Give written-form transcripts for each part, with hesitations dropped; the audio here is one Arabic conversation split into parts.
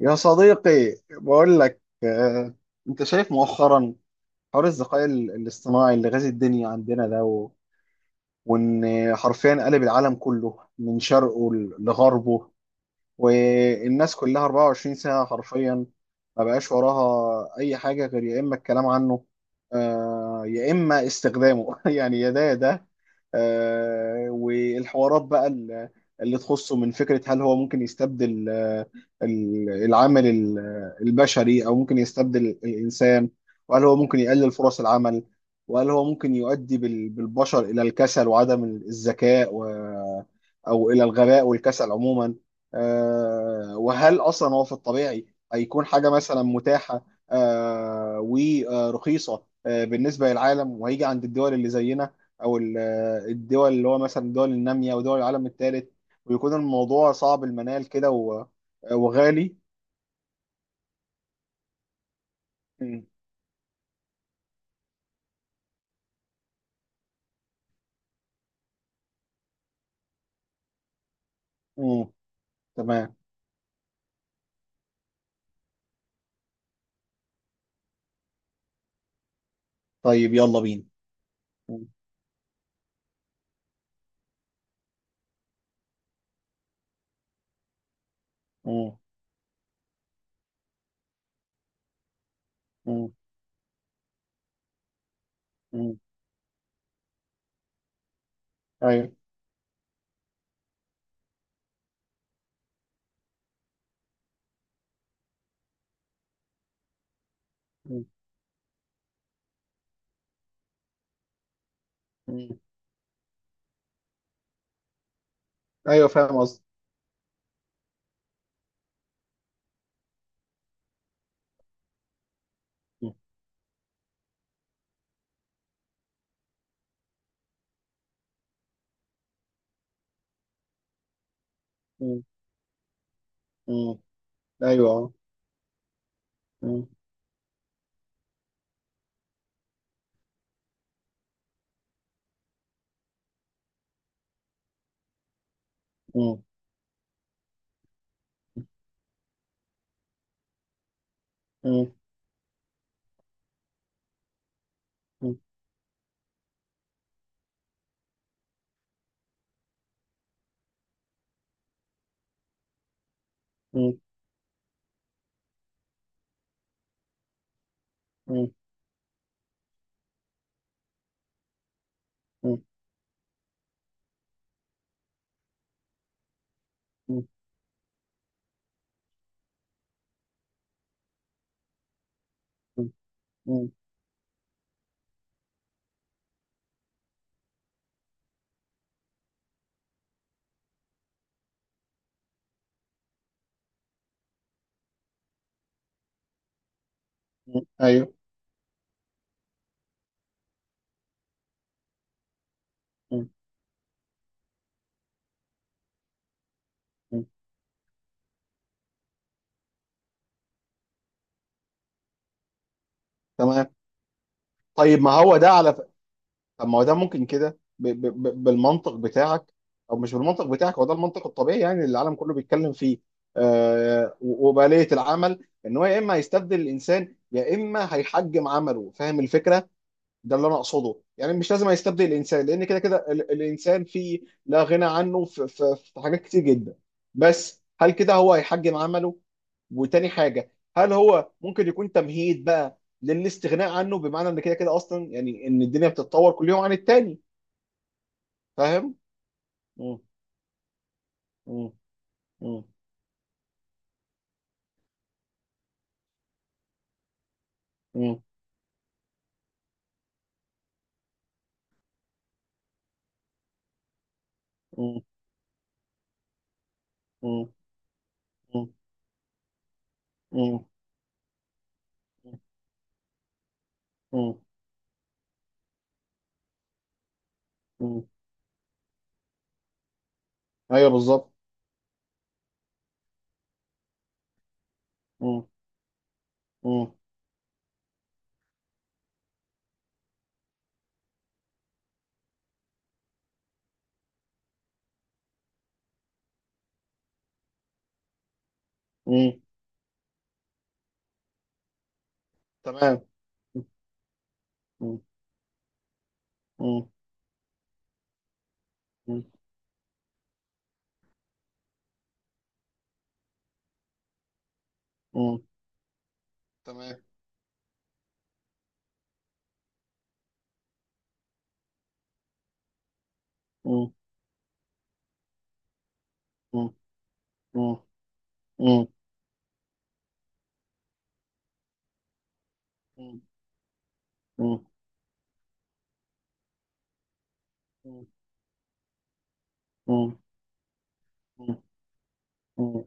يا صديقي بقول لك انت شايف مؤخرا حوار الذكاء الاصطناعي اللي غازي الدنيا عندنا ده وان حرفيا قلب العالم كله من شرقه لغربه، والناس كلها 24 ساعة حرفيا ما بقاش وراها أي حاجة غير يا إما الكلام عنه يا إما استخدامه. يعني يا ده يا ده. والحوارات بقى اللي تخصه من فكرة هل هو ممكن يستبدل العامل البشري، أو ممكن يستبدل الإنسان، وهل هو ممكن يقلل فرص العمل، وهل هو ممكن يؤدي بالبشر إلى الكسل وعدم الذكاء أو إلى الغباء والكسل عموما. وهل اصلا هو في الطبيعي هيكون حاجه مثلا متاحه ورخيصه بالنسبه للعالم، وهيجي عند الدول اللي زينا، او الدول اللي هو مثلا الدول الناميه ودول العالم الثالث، ويكون الموضوع صعب المنال كده وغالي. مم. مم. تمام. طيب يلا بينا. مم. مم. مم. مم. ايوه. مم. مم. ايوه، فاهم قصدي. مم. مم. مم. ايوه. مم. مم. مم. مم. مم. مم. مم. مم. مم. مم. ايوه. مم. مم. تمام. طيب ما هو ده على ف- طب ما هو ده ممكن كده بالمنطق بتاعك، او مش بالمنطق بتاعك، هو ده المنطق الطبيعي يعني اللي العالم كله بيتكلم فيه. وباليه العمل ان هو يا اما هيستبدل الانسان يا اما هيحجم عمله، فاهم الفكره؟ ده اللي انا اقصده، يعني مش لازم هيستبدل الانسان لان كده كده الانسان فيه لا غنى عنه في حاجات كتير جدا، بس هل كده هو هيحجم عمله؟ وتاني حاجه، هل هو ممكن يكون تمهيد بقى للاستغناء عنه، بمعنى ان كده كده اصلا يعني ان الدنيا بتتطور كل يوم عن التاني، فاهم؟ م- م- م- م- م- م- م- م- م- م- ايوه بالظبط. م- م- م. تمام. م- م- م- م- م. تمام. م- م- م- م- م- م- م- م- م- م- م- م- م- م-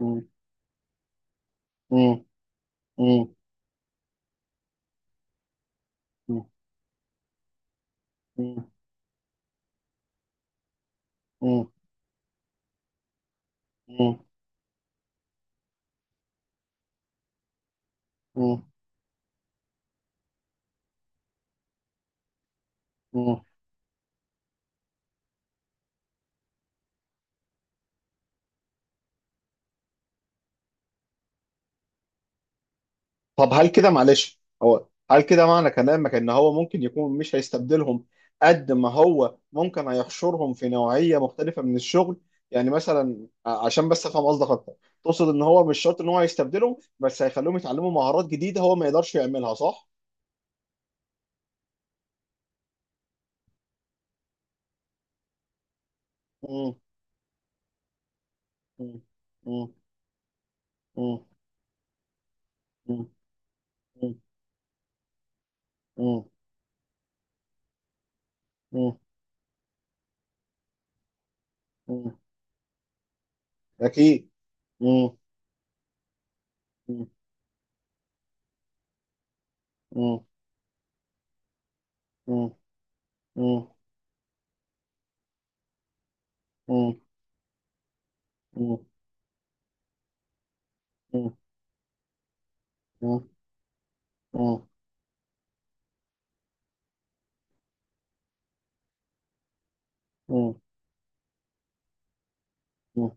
م- م- م- م- مم. مم. مم. مم. مم. مم. طب هل كده معنى كلامك ان هو ممكن يكون مش هيستبدلهم قد ما هو ممكن هيحشرهم في نوعية مختلفة من الشغل؟ يعني مثلا عشان بس افهم قصدك اكتر، تقصد ان هو مش شرط ان هو هيستبدلهم بس هيخليهم يتعلموا مهارات جديدة هو ما يقدرش يعملها، صح؟ مم. مم. مم. مم. مم. مم. مم. مم. مم. اكيد. مم. مم. مم. مم. مم. مم. مم. مم. مم. مم. مم.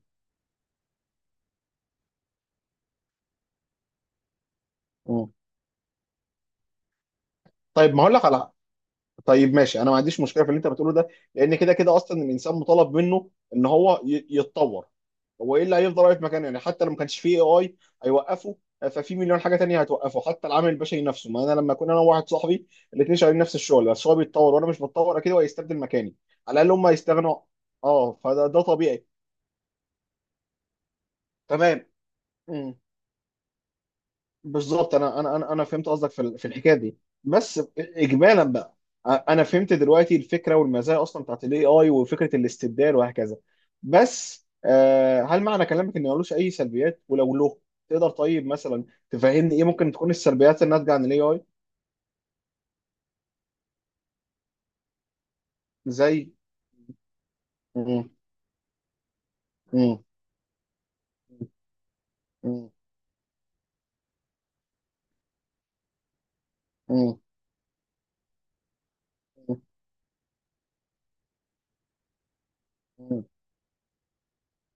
مم. طيب ما اقول لك على طيب ماشي، انا ما عنديش مشكله في اللي انت بتقوله ده، لان كده كده اصلا الانسان مطالب منه ان هو يتطور. هو ايه اللي هيفضل واقف مكانه؟ يعني حتى لو ما كانش فيه AI هيوقفه، ففي مليون حاجه تانية هتوقفه، حتى العامل البشري نفسه. ما انا لما اكون انا وواحد صاحبي الاثنين شغالين نفس الشغل، بس هو بيتطور وانا مش بتطور، اكيد هو هيستبدل مكاني، على الاقل هم هيستغنوا. اه فده طبيعي. تمام. مم. بالظبط، انا انا انا أنا فهمت قصدك في الحكايه دي، بس اجمالا بقى انا فهمت دلوقتي الفكره والمزايا اصلا بتاعت الـAI وفكره الاستبدال وهكذا. بس هل معنى كلامك ان ملوش اي سلبيات؟ ولو له، تقدر طيب مثلا تفهمني ايه ممكن تكون السلبيات الناتجه عن الـAI؟ زي؟ مم، مم، مم، مم، مم،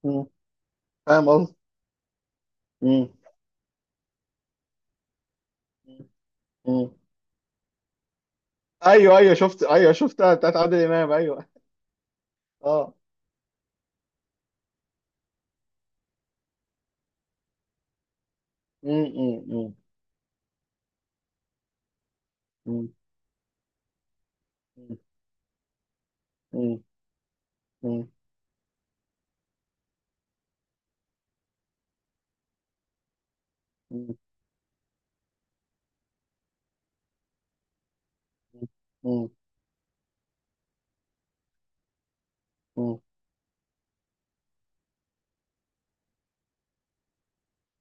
مم. فاهم قصدي. مم، مم. ايوه ايوه، شفت، ايوه شفتها بتاعت عادل امام، ايوه. اه. مم، مم، مم، مم. مم. مم. مم. مم. مم.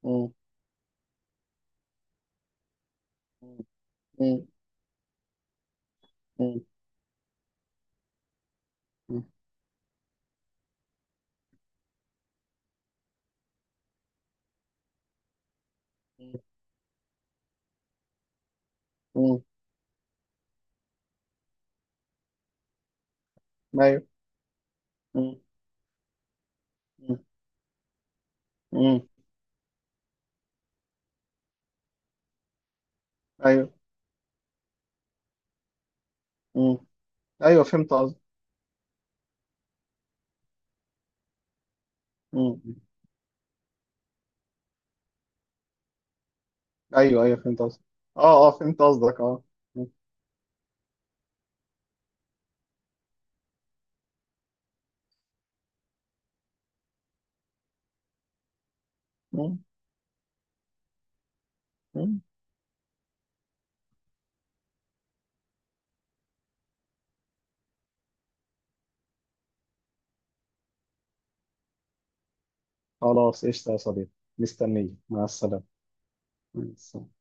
مم. مم. مم. مم. ايوه. مم. مم. مم. ايوه. مم. ايوه فهمت قصدك. مم. ايوه ايوه فهمت قصدك اه. اه فهمت قصدك اه. مم. مم. خلاص قشطة يا صديقي، مستنيك. مع السلامة. مع السلامة.